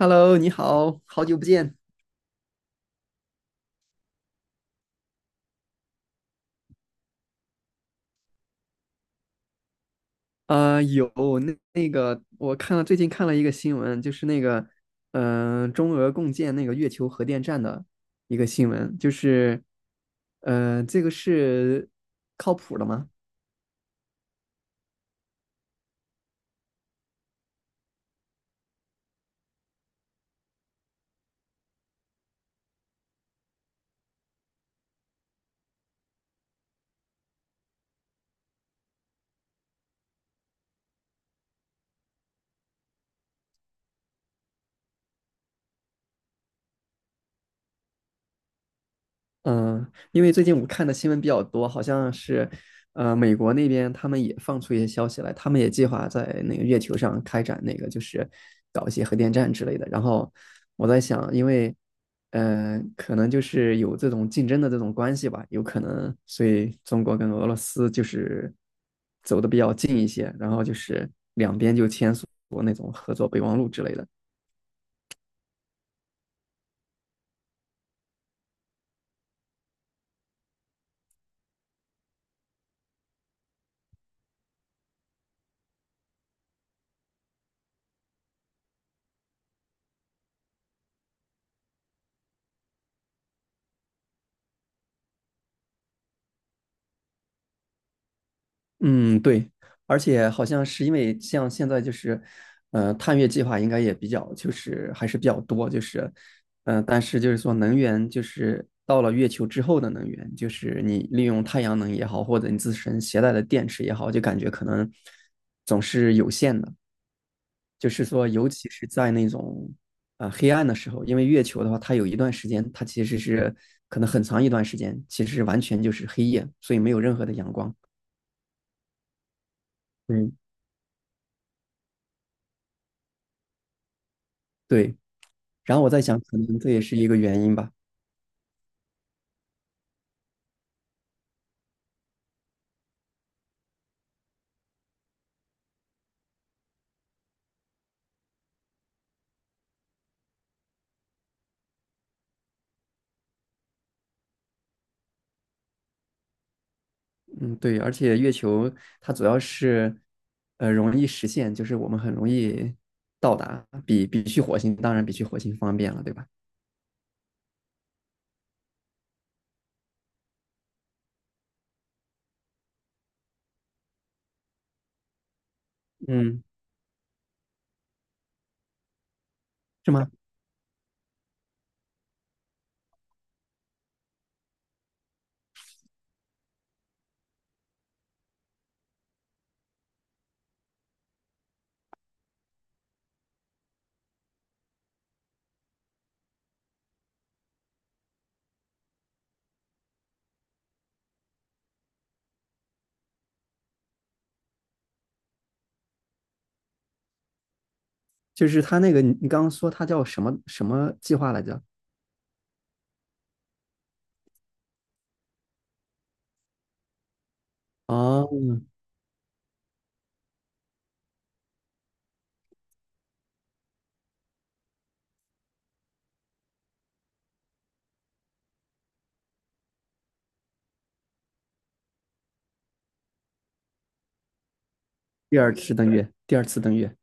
Hello，你好，好久不见。啊，有。那个，我看了最近看了一个新闻，就是那个，中俄共建那个月球核电站的一个新闻，就是，这个是靠谱的吗？嗯，因为最近我看的新闻比较多，好像是，美国那边他们也放出一些消息来，他们也计划在那个月球上开展那个，就是搞一些核电站之类的。然后我在想，因为，可能就是有这种竞争的这种关系吧，有可能，所以中国跟俄罗斯就是走的比较近一些，然后就是两边就签署过那种合作备忘录之类的。嗯，对，而且好像是因为像现在就是，探月计划应该也比较就是还是比较多，就是，但是就是说能源就是到了月球之后的能源，就是你利用太阳能也好，或者你自身携带的电池也好，就感觉可能总是有限的，就是说尤其是在那种黑暗的时候，因为月球的话，它有一段时间它其实是可能很长一段时间，其实完全就是黑夜，所以没有任何的阳光。嗯，对。然后我在想，可能这也是一个原因吧。嗯，对，而且月球它主要是，容易实现，就是我们很容易到达，比去火星，当然比去火星方便了，对吧？嗯，是吗？就是它那个，你刚刚说它叫什么什么计划来着？哦，第二次登月，第二次登月。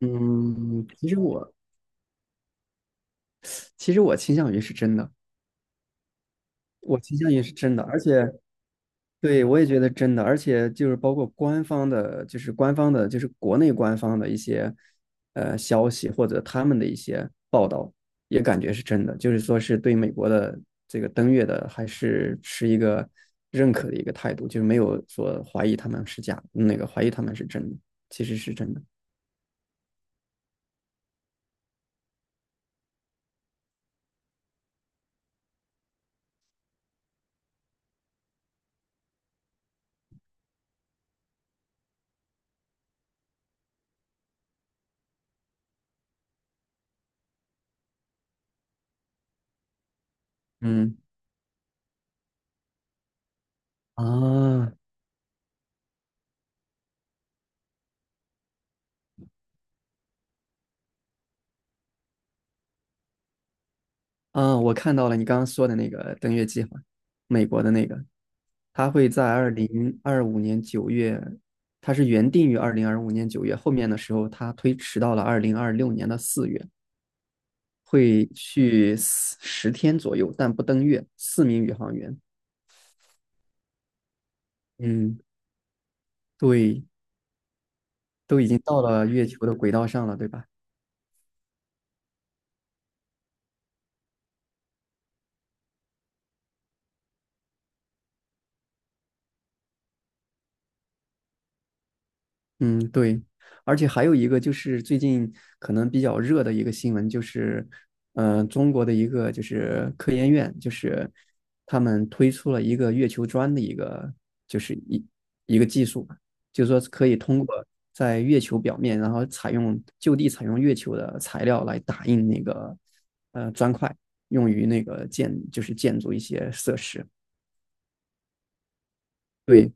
嗯，其实我倾向于是真的，我倾向于是真的，而且对，我也觉得真的，而且就是包括官方的，就是官方的，就是国内官方的一些消息或者他们的一些报道，也感觉是真的，就是说是对美国的这个登月的还是持一个认可的一个态度，就是没有说怀疑他们是假，那个怀疑他们是真的，其实是真的。嗯啊我看到了你刚刚说的那个登月计划，美国的那个。它会在二零二五年九月，它是原定于二零二五年九月，后面的时候它推迟到了2026年的四月，会去10天左右，但不登月。四名宇航员，嗯，对，都已经到了月球的轨道上了，对吧？嗯，对，而且还有一个就是最近可能比较热的一个新闻，就是，中国的一个就是科研院，就是他们推出了一个月球砖的一个就是一个技术吧，就是说可以通过在月球表面，然后就地采用月球的材料来打印那个砖块，用于那个就是建筑一些设施。对，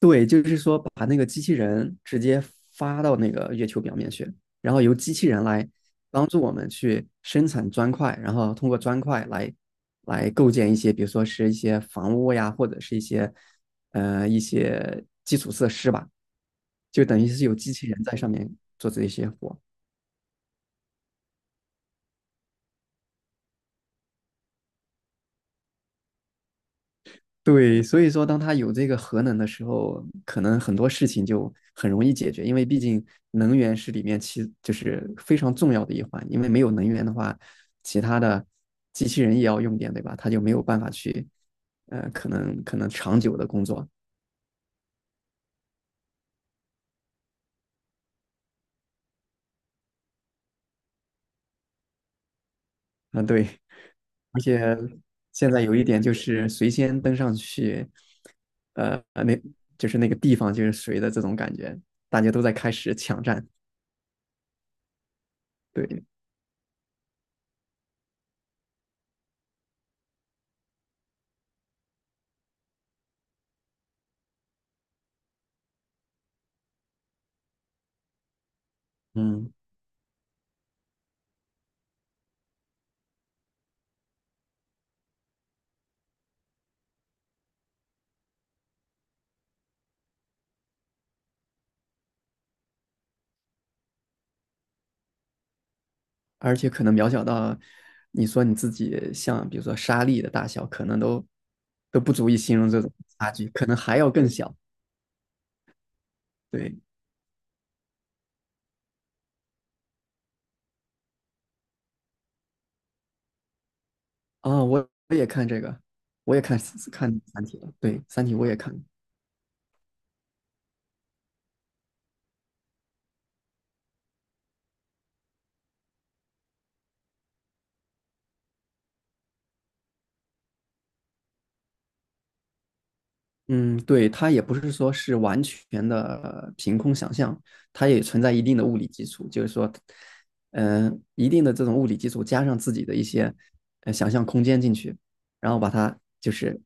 对，就是说把那个机器人直接发到那个月球表面去，然后由机器人来帮助我们去生产砖块，然后通过砖块来构建一些，比如说是一些房屋呀，或者是一些基础设施吧，就等于是有机器人在上面做这些活。对，所以说，当他有这个核能的时候，可能很多事情就很容易解决，因为毕竟能源是里面就是非常重要的一环，因为没有能源的话，其他的机器人也要用电，对吧？他就没有办法去，可能长久的工作啊，对，而且现在有一点就是谁先登上去，呃，那就是那个地方就是谁的这种感觉，大家都在开始抢占，对，嗯。而且可能渺小到你说你自己像比如说沙粒的大小，可能都不足以形容这种差距，可能还要更小。对，啊，我也看这个，我也看看《三体》了。对，《三体》我也看，嗯，对，它也不是说是完全的凭空想象，它也存在一定的物理基础，就是说，一定的这种物理基础加上自己的一些想象空间进去，然后把它就是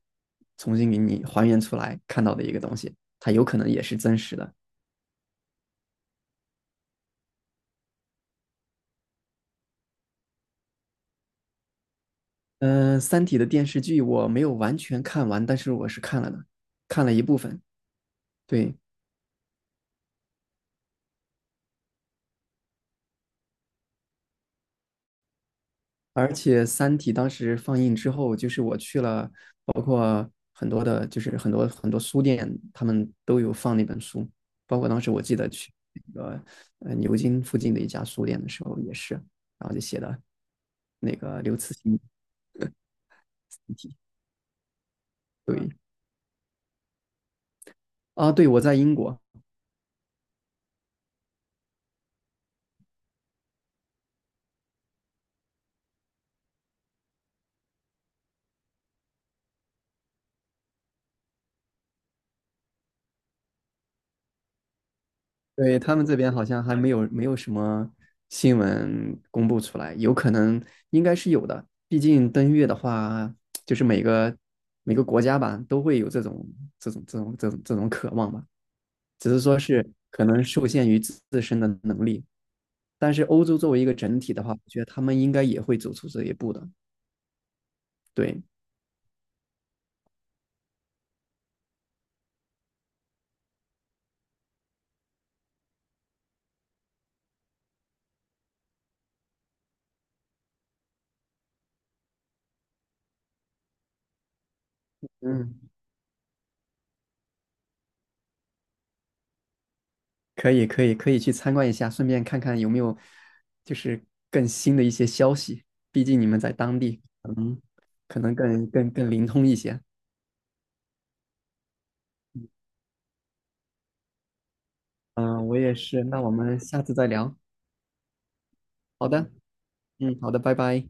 重新给你还原出来看到的一个东西，它有可能也是真实的。嗯、三体》的电视剧我没有完全看完，但是我是看了的，看了一部分。对，而且《三体》当时放映之后，就是我去了，包括很多的，就是很多很多书店，他们都有放那本书。包括当时我记得去那个牛津附近的一家书店的时候也是，然后就写的那个刘慈欣。对，啊，对，我在英国，对，他们这边好像还没有什么新闻公布出来，有可能应该是有的。毕竟登月的话，就是每个国家吧都会有这种渴望吧，只是说是可能受限于自身的能力。但是欧洲作为一个整体的话，我觉得他们应该也会走出这一步的。对，嗯。可以可以可以去参观一下，顺便看看有没有就是更新的一些消息。毕竟你们在当地，嗯，可能更灵通一些。嗯、我也是。那我们下次再聊。好的，嗯，好的，拜拜。